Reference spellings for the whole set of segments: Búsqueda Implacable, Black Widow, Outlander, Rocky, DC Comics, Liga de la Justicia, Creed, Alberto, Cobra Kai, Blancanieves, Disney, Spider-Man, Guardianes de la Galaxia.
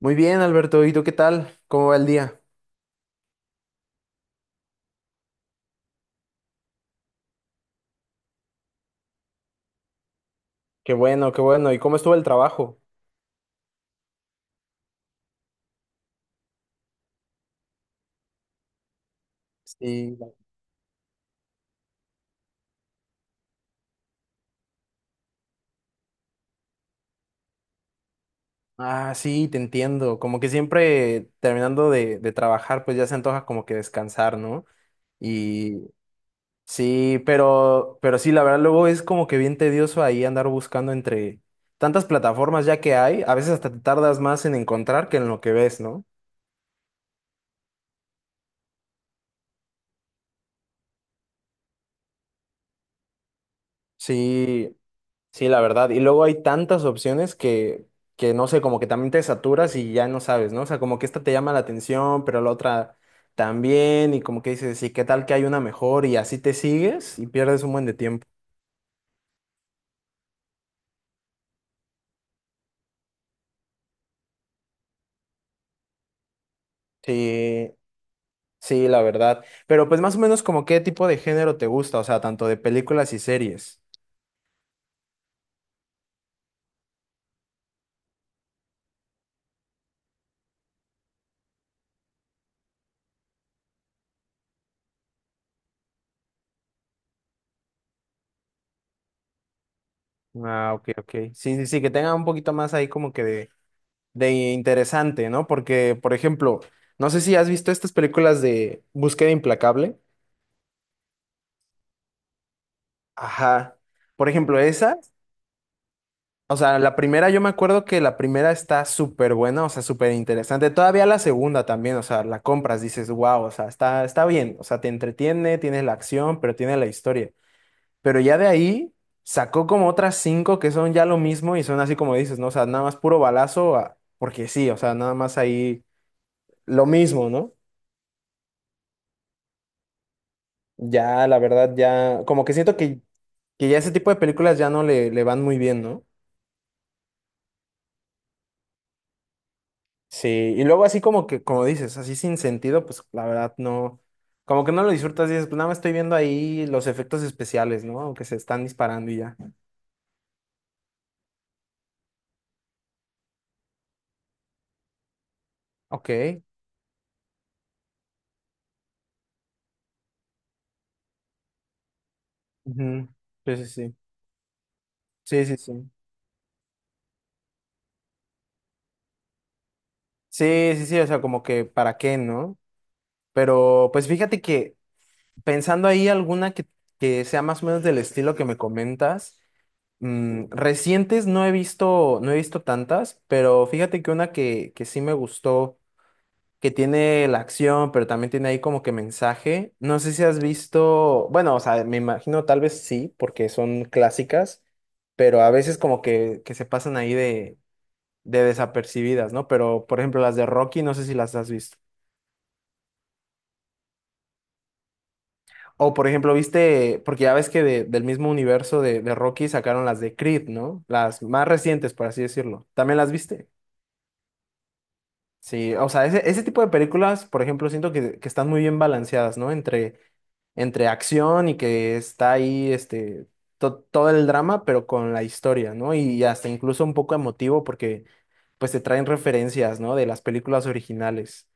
Muy bien, Alberto. ¿Y tú qué tal? ¿Cómo va el día? Qué bueno, qué bueno. ¿Y cómo estuvo el trabajo? Sí. Ah, sí, te entiendo. Como que siempre terminando de trabajar, pues ya se antoja como que descansar, ¿no? Y sí, pero sí, la verdad, luego es como que bien tedioso ahí andar buscando entre tantas plataformas ya que hay. A veces hasta te tardas más en encontrar que en lo que ves, ¿no? Sí. Sí, la verdad. Y luego hay tantas opciones que no sé, como que también te saturas y ya no sabes, ¿no? O sea, como que esta te llama la atención, pero la otra también, y como que dices, ¿y qué tal que hay una mejor? Y así te sigues y pierdes un buen de tiempo. Sí, sí, la verdad. Pero pues más o menos como qué tipo de género te gusta, o sea, tanto de películas y series. Ah, ok, ok. Sí, sí, sí, que tenga un poquito más ahí como que de interesante, ¿no? Porque, por ejemplo, no sé si has visto estas películas de Búsqueda Implacable. Ajá. Por ejemplo, esa, o sea, la primera, yo me acuerdo que la primera está súper buena, o sea, súper interesante. Todavía la segunda también, o sea, la compras, dices, wow, o sea, está, está bien, o sea, te entretiene, tienes la acción, pero tiene la historia. Pero ya de ahí sacó como otras cinco que son ya lo mismo y son así como dices, ¿no? O sea, nada más puro balazo, ah, porque sí, o sea, nada más ahí lo mismo, ¿no? Ya, la verdad, ya, como que siento que ya ese tipo de películas ya no le, le van muy bien, ¿no? Sí, y luego así como que, como dices, así sin sentido, pues la verdad no, como que no lo disfrutas, dices, pues nada más estoy viendo ahí los efectos especiales, ¿no? Que se están disparando y ya. Ok. Ujú. Sí, sí, sí. Sí, sí, sí. Sí, sí, sí, o sea, como que para qué, ¿no? Pero pues fíjate que pensando ahí alguna que sea más o menos del estilo que me comentas, recientes no he visto, no he visto tantas, pero fíjate que una que sí me gustó. Que tiene la acción, pero también tiene ahí como que mensaje. No sé si has visto, bueno, o sea, me imagino tal vez sí, porque son clásicas, pero a veces como que se pasan ahí de desapercibidas, ¿no? Pero, por ejemplo, las de Rocky, no sé si las has visto. O, por ejemplo, viste, porque ya ves que del mismo universo de Rocky sacaron las de Creed, ¿no? Las más recientes, por así decirlo. ¿También las viste? Sí, o sea, ese tipo de películas, por ejemplo, siento que están muy bien balanceadas, ¿no? Entre acción y que está ahí este, todo el drama, pero con la historia, ¿no? Y hasta incluso un poco emotivo porque pues te traen referencias, ¿no? De las películas originales.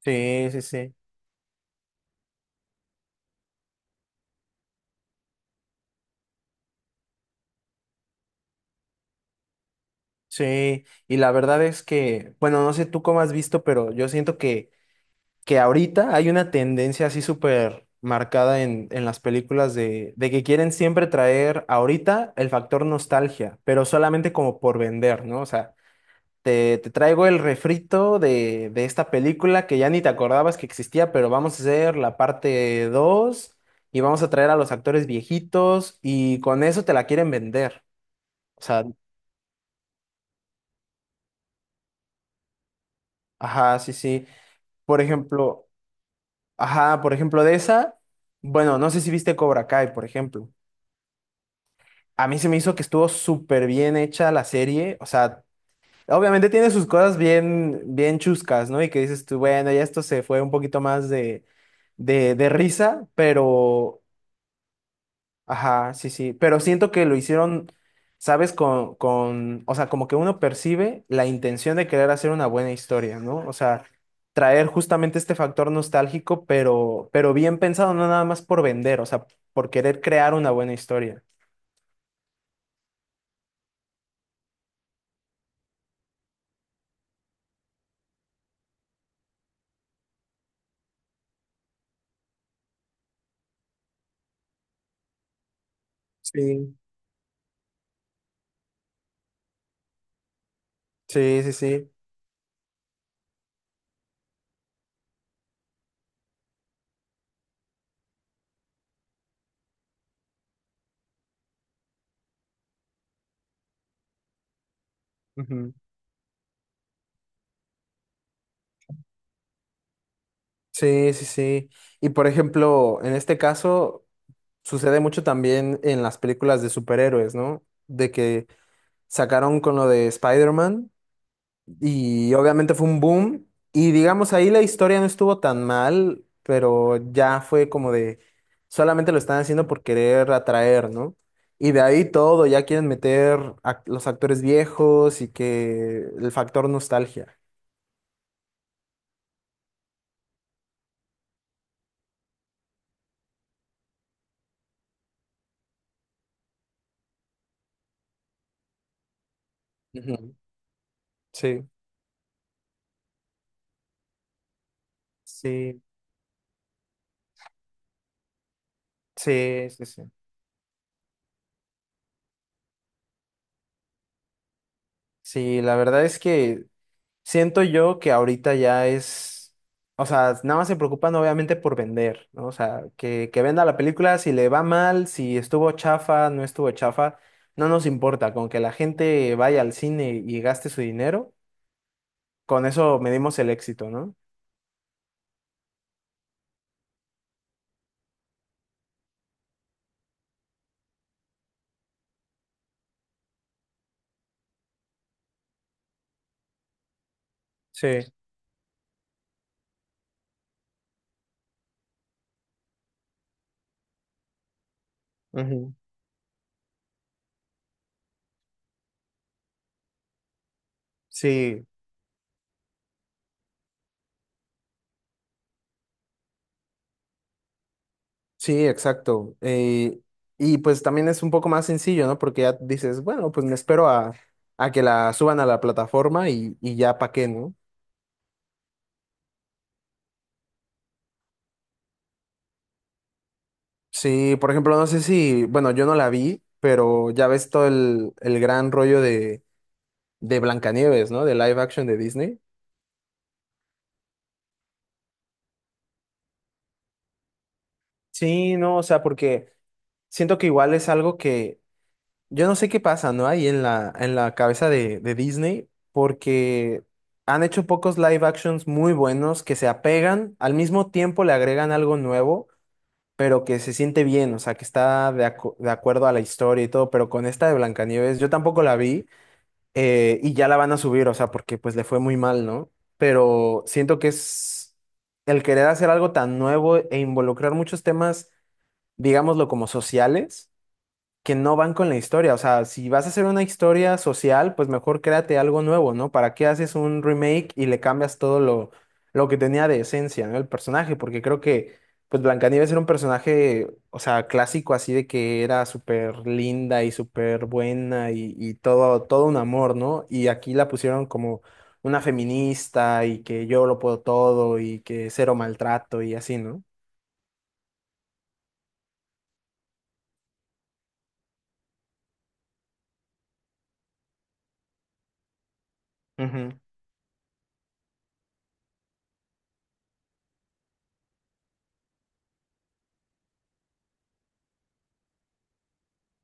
Sí, sí, sí. Sí, y la verdad es que, bueno, no sé tú cómo has visto, pero yo siento que ahorita hay una tendencia así súper marcada en las películas de que quieren siempre traer ahorita el factor nostalgia, pero solamente como por vender, ¿no? O sea, te traigo el refrito de esta película que ya ni te acordabas que existía, pero vamos a hacer la parte 2 y vamos a traer a los actores viejitos y con eso te la quieren vender. O sea, ajá, sí, sí. Por ejemplo, ajá, por ejemplo, de esa, bueno, no sé si viste Cobra Kai, por ejemplo. A mí se me hizo que estuvo súper bien hecha la serie. O sea, obviamente tiene sus cosas bien, bien chuscas, ¿no? Y que dices tú, bueno, ya esto se fue un poquito más de risa, pero, ajá, sí, sí. Pero siento que lo hicieron, ¿sabes? O sea, como que uno percibe la intención de querer hacer una buena historia, ¿no? O sea, traer justamente este factor nostálgico, pero bien pensado, no nada más por vender, o sea, por querer crear una buena historia. Sí. Sí, sí, sí. Ujú. Sí, sí, sí. Y por ejemplo, en este caso sucede mucho también en las películas de superhéroes, ¿no? De que sacaron con lo de Spider-Man y obviamente fue un boom y digamos ahí la historia no estuvo tan mal, pero ya fue como de solamente lo están haciendo por querer atraer, ¿no? Y de ahí todo, ya quieren meter a los actores viejos y que el factor nostalgia. Ujú. Sí, sí, sí, sí, sí. Sí, la verdad es que siento yo que ahorita ya es, o sea, nada más se preocupan obviamente por vender, ¿no? O sea, que venda la película, si le va mal, si estuvo chafa, no estuvo chafa, no nos importa, con que la gente vaya al cine y gaste su dinero, con eso medimos el éxito, ¿no? Sí. Ujú. Sí, sí, exacto. Y pues también es un poco más sencillo, ¿no? Porque ya dices, bueno, pues me espero a que la suban a la plataforma y ya pa' qué, ¿no? Sí, por ejemplo, no sé si, bueno, yo no la vi, pero ya ves todo el gran rollo de Blancanieves, ¿no? De live action de Disney. Sí, no, o sea, porque siento que igual es algo que yo no sé qué pasa, ¿no? Ahí en la cabeza de Disney, porque han hecho pocos live actions muy buenos que se apegan, al mismo tiempo le agregan algo nuevo, pero que se siente bien, o sea, que está de, de acuerdo a la historia y todo, pero con esta de Blancanieves, yo tampoco la vi. Eh, y ya la van a subir, o sea, porque pues le fue muy mal, ¿no? Pero siento que es el querer hacer algo tan nuevo e involucrar muchos temas, digámoslo como sociales, que no van con la historia. O sea, si vas a hacer una historia social, pues mejor créate algo nuevo, ¿no? ¿Para qué haces un remake y le cambias todo lo que tenía de esencia, ¿no? El personaje, porque creo que, pues Blancanieves era un personaje, o sea, clásico, así de que era súper linda y súper buena y todo, todo un amor, ¿no? Y aquí la pusieron como una feminista y que yo lo puedo todo y que cero maltrato y así, ¿no? Ujú.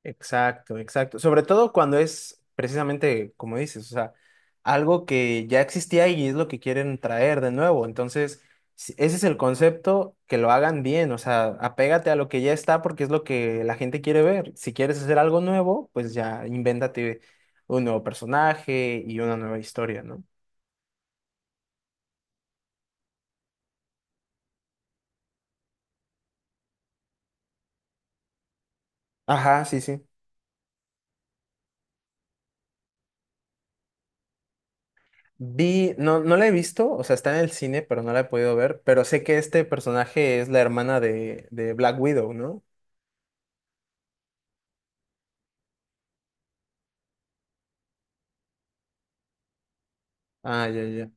Exacto, exacto. Sobre todo cuando es precisamente como dices, o sea, algo que ya existía y es lo que quieren traer de nuevo. Entonces, ese es el concepto, que lo hagan bien, o sea, apégate a lo que ya está porque es lo que la gente quiere ver. Si quieres hacer algo nuevo, pues ya invéntate un nuevo personaje y una nueva historia, ¿no? Ajá, sí, sí. Vi, no, no la he visto, o sea, está en el cine, pero no la he podido ver, pero sé que este personaje es la hermana de Black Widow, ¿no? Ah, ya, ya.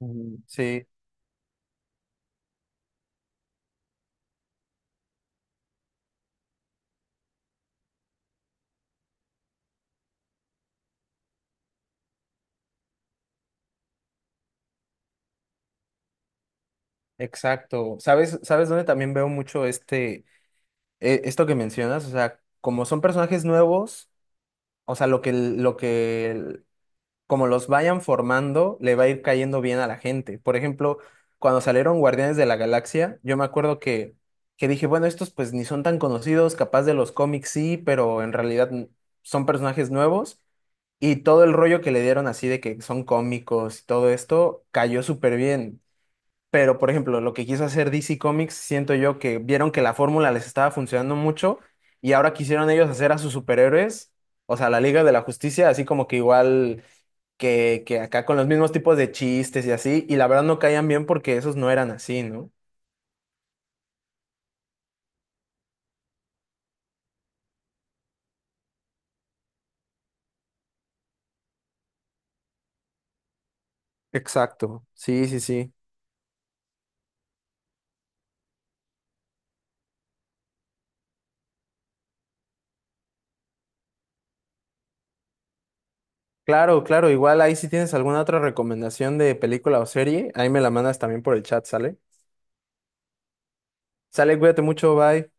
Ujú. Sí, exacto. ¿Sabes dónde también veo mucho este, esto que mencionas? O sea, como son personajes nuevos, o sea, como los vayan formando, le va a ir cayendo bien a la gente. Por ejemplo, cuando salieron Guardianes de la Galaxia, yo me acuerdo que dije, bueno, estos pues ni son tan conocidos, capaz de los cómics sí, pero en realidad son personajes nuevos. Y todo el rollo que le dieron así de que son cómicos y todo esto cayó súper bien. Pero, por ejemplo, lo que quiso hacer DC Comics, siento yo que vieron que la fórmula les estaba funcionando mucho y ahora quisieron ellos hacer a sus superhéroes, o sea, la Liga de la Justicia, así como que igual que acá con los mismos tipos de chistes y así, y la verdad no caían bien porque esos no eran así, ¿no? Exacto, sí, sí, sí. Claro, claro, igual ahí si tienes alguna otra recomendación de película o serie, ahí me la mandas también por el chat, ¿sale? Sale, cuídate mucho, bye.